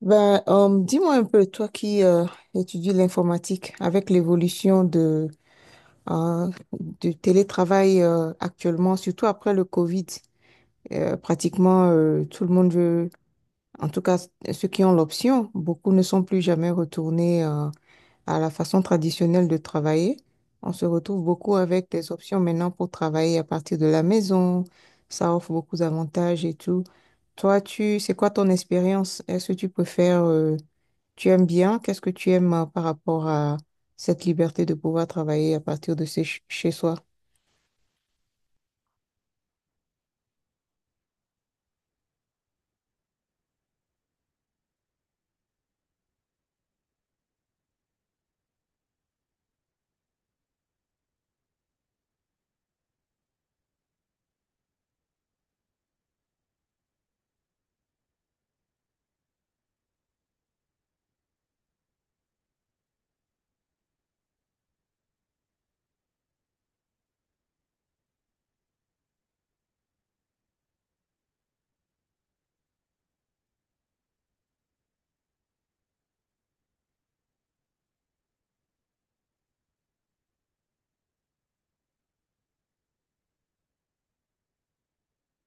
Ben, dis-moi un peu, toi qui étudies l'informatique, avec l'évolution de, euh, du télétravail actuellement, surtout après le Covid, pratiquement tout le monde veut, en tout cas ceux qui ont l'option, beaucoup ne sont plus jamais retournés à la façon traditionnelle de travailler. On se retrouve beaucoup avec des options maintenant pour travailler à partir de la maison. Ça offre beaucoup d'avantages et tout. Toi, c'est quoi ton expérience? Est-ce que tu préfères tu aimes bien? Qu'est-ce que tu aimes par rapport à cette liberté de pouvoir travailler à partir de chez soi?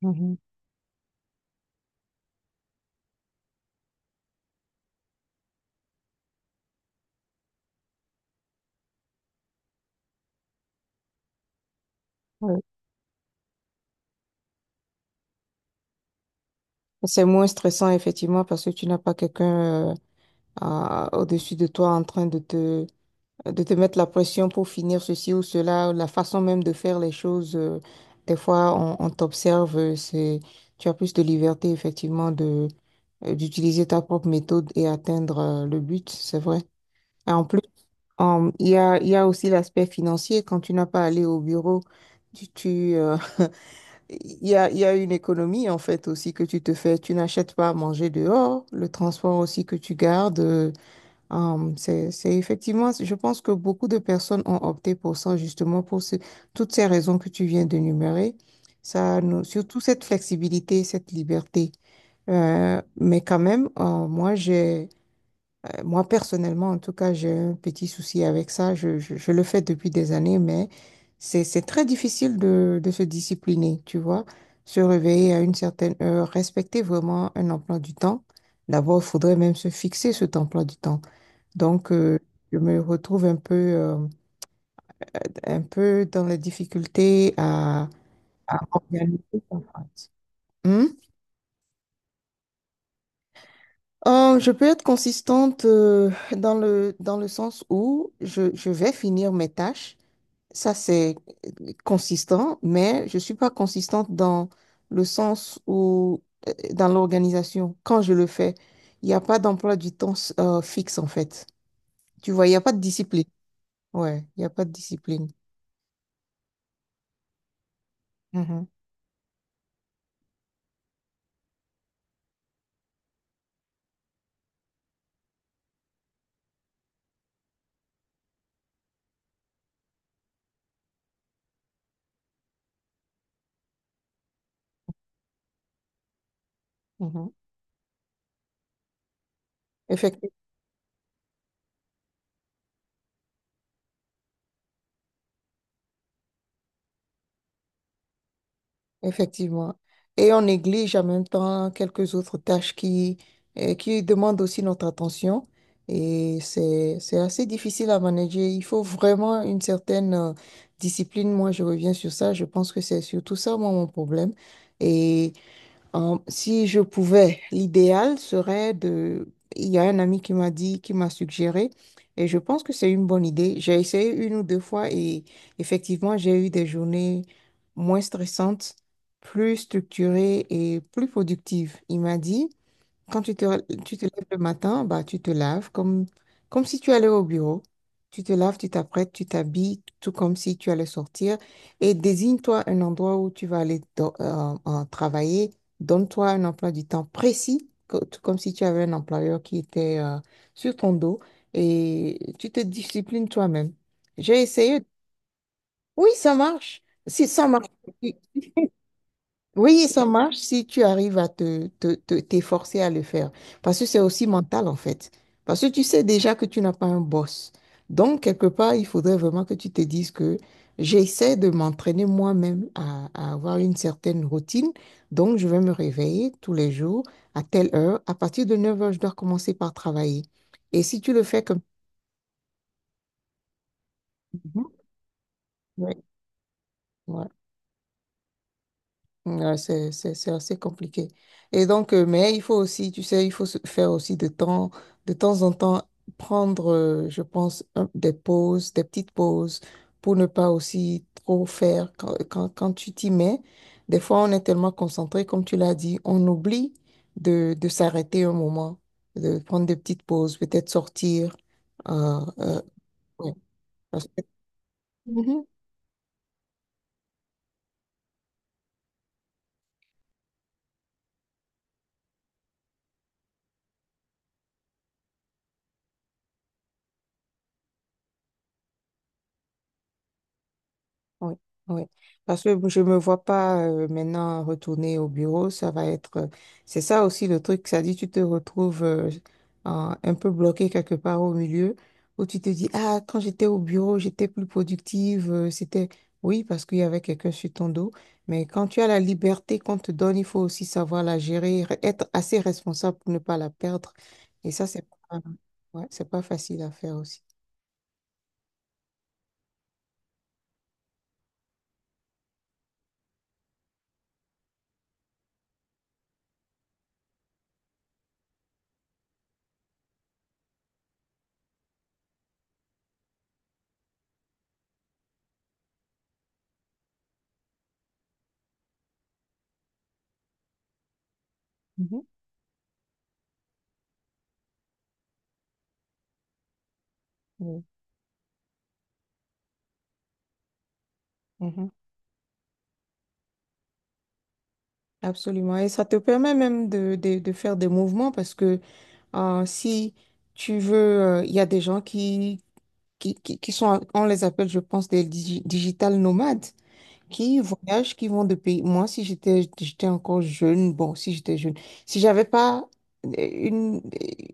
Mhm. Ouais. C'est moins stressant, effectivement, parce que tu n'as pas quelqu'un au-dessus de toi en train de te mettre la pression pour finir ceci ou cela, la façon même de faire les choses. Des fois, on t'observe, euh, tu as plus de liberté, effectivement, de, d'utiliser ta propre méthode et atteindre le but, c'est vrai. Et en plus, il y a aussi l'aspect financier. Quand tu n'as pas allé au bureau, tu, il y a une économie en fait aussi que tu te fais. Tu n'achètes pas à manger dehors. Le transport aussi que tu gardes. Euh, c'est effectivement, je pense que beaucoup de personnes ont opté pour ça justement pour toutes ces raisons que tu viens d'énumérer. Surtout cette flexibilité, cette liberté. Mais quand même, moi, personnellement, en tout cas, j'ai un petit souci avec ça. Je le fais depuis des années, mais c'est très difficile de se discipliner, tu vois. Se réveiller à une certaine heure, respecter vraiment un emploi du temps. D'abord, il faudrait même se fixer cet emploi du temps. Donc, je me retrouve un peu dans la difficulté à organiser ça, en fait. Hmm? Je peux être consistante dans le sens où je vais finir mes tâches. Ça, c'est consistant, mais je suis pas consistante dans le sens où, dans l'organisation, quand je le fais, il n'y a pas d'emploi du temps fixe, en fait. Tu vois, il n'y a pas de discipline. Ouais, il n'y a pas de discipline. Mhm, mhm. Effectivement. Effectivement. Et on néglige en même temps quelques autres tâches qui demandent aussi notre attention. Et c'est assez difficile à manager. Il faut vraiment une certaine discipline. Moi, je reviens sur ça. Je pense que c'est surtout ça, moi, mon problème. Et si je pouvais, l'idéal serait de... Il y a un ami qui m'a dit, qui m'a suggéré, et je pense que c'est une bonne idée. J'ai essayé une ou deux fois et effectivement, j'ai eu des journées moins stressantes, plus structurées et plus productives. Il m'a dit, quand tu te lèves le matin, bah, tu te laves comme, comme si tu allais au bureau. Tu te laves, tu t'apprêtes, tu t'habilles, tout comme si tu allais sortir. Et désigne-toi un endroit où tu vas aller travailler. Donne-toi un emploi du temps précis, tout comme si tu avais un employeur qui était sur ton dos. Et tu te disciplines toi-même. J'ai essayé. Oui, ça marche. Si ça marche. Oui, ça marche si tu arrives à t'efforcer à le faire. Parce que c'est aussi mental, en fait. Parce que tu sais déjà que tu n'as pas un boss. Donc, quelque part, il faudrait vraiment que tu te dises que j'essaie de m'entraîner moi-même à avoir une certaine routine. Donc, je vais me réveiller tous les jours à telle heure. À partir de 9 heures, je dois commencer par travailler. Et si tu le fais comme... Mhm. Ouais, ouais. Ouais, c'est assez compliqué. Et donc, mais il faut aussi, tu sais, il faut se faire aussi de temps en temps, prendre, je pense, des pauses, des petites pauses pour ne pas aussi trop faire quand, quand tu t'y mets. Des fois, on est tellement concentré, comme tu l'as dit, on oublie de s'arrêter un moment, de prendre des petites pauses, peut-être sortir. euh, euh, ouais, parce que- Oui, oui. Parce que je me vois pas maintenant retourner au bureau. Ça va être. C'est ça aussi le truc. Ça dit, tu te retrouves un peu bloqué quelque part au milieu où tu te dis, ah, quand j'étais au bureau, j'étais plus productive. C'était. Oui, parce qu'il y avait quelqu'un sur ton dos. Mais quand tu as la liberté qu'on te donne, il faut aussi savoir la gérer, être assez responsable pour ne pas la perdre. Et ça, c'est pas, ouais, c'est pas facile à faire aussi. Mhm. Oui. Absolument. Et ça te permet même de faire des mouvements parce que si tu veux, il y a des gens qui sont, on les appelle, je pense, des digital nomades, qui voyagent, qui vont de pays. Moi, si j'étais, j'étais encore jeune, bon, si j'étais jeune, si j'avais pas euh, une, euh,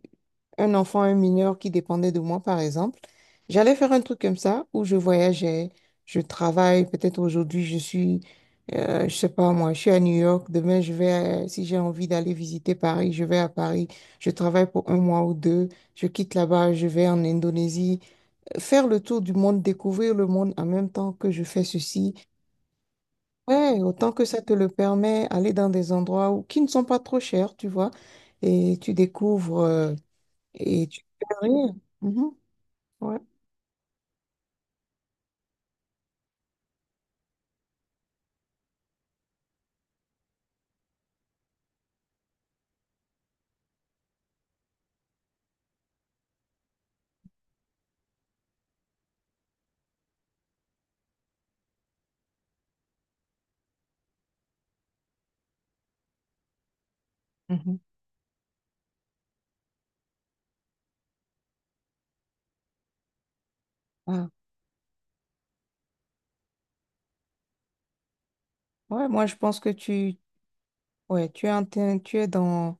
un enfant, un mineur qui dépendait de moi, par exemple, j'allais faire un truc comme ça où je voyageais, je travaille, peut-être aujourd'hui je suis, je sais pas moi, je suis à New York, demain je vais, si j'ai envie d'aller visiter Paris, je vais à Paris, je travaille pour un mois ou deux, je quitte là-bas, je vais en Indonésie, faire le tour du monde, découvrir le monde en même temps que je fais ceci. Ouais, autant que ça te le permet, aller dans des endroits où, qui ne sont pas trop chers, tu vois, et tu découvres et tu fais rire. Mhm, ouais. Mhm. Ah, ouais, moi, je pense que tu, ouais, tu es dans,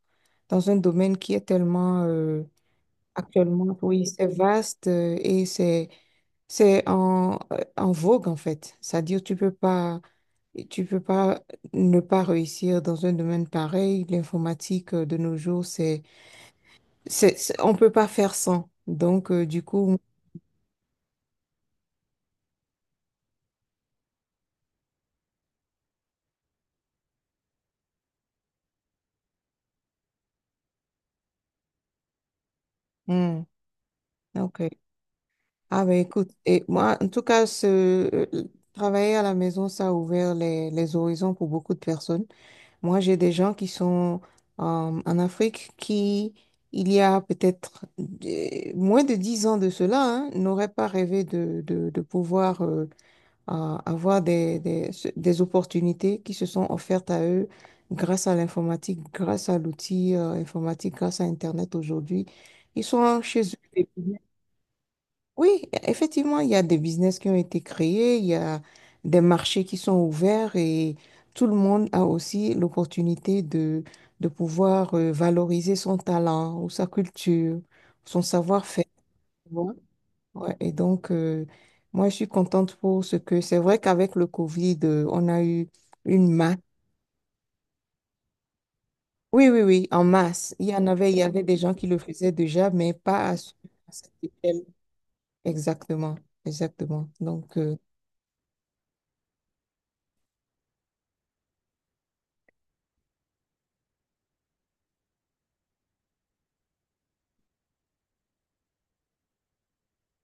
dans un domaine qui est tellement, actuellement, oui, c'est vaste et c'est en, en vogue, en fait. C'est-à-dire, tu peux pas ne pas réussir dans un domaine pareil. L'informatique, de nos jours, on peut pas faire sans. Donc, du coup, hmm, ok. Ah, ben, écoute, et moi, en tout cas, ce, euh, travailler à la maison, ça a ouvert les horizons pour beaucoup de personnes. Moi, j'ai des gens qui sont en Afrique qui, il y a peut-être moins de 10 ans de cela, hein, n'auraient pas rêvé de pouvoir avoir des opportunités qui se sont offertes à eux grâce à l'informatique, grâce à l'outil informatique, grâce à Internet aujourd'hui. Ils sont chez eux. Oui, effectivement, il y a des business qui ont été créés, il y a des marchés qui sont ouverts et tout le monde a aussi l'opportunité de pouvoir valoriser son talent ou sa culture, son savoir-faire. Tu vois. Ouais, et donc, moi, je suis contente pour ce que c'est vrai qu'avec le Covid, on a eu une masse. Oui, oui, oui, en masse. Il y en avait, il y avait des gens qui le faisaient déjà, mais pas à, à cette échelle. Exactement, exactement. Donc,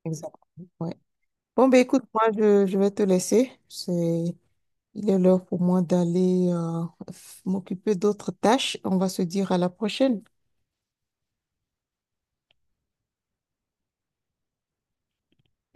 exactement. Bon, ben écoute, moi, je vais te laisser. C'est, il est l'heure pour moi d'aller m'occuper d'autres tâches. On va se dire à la prochaine.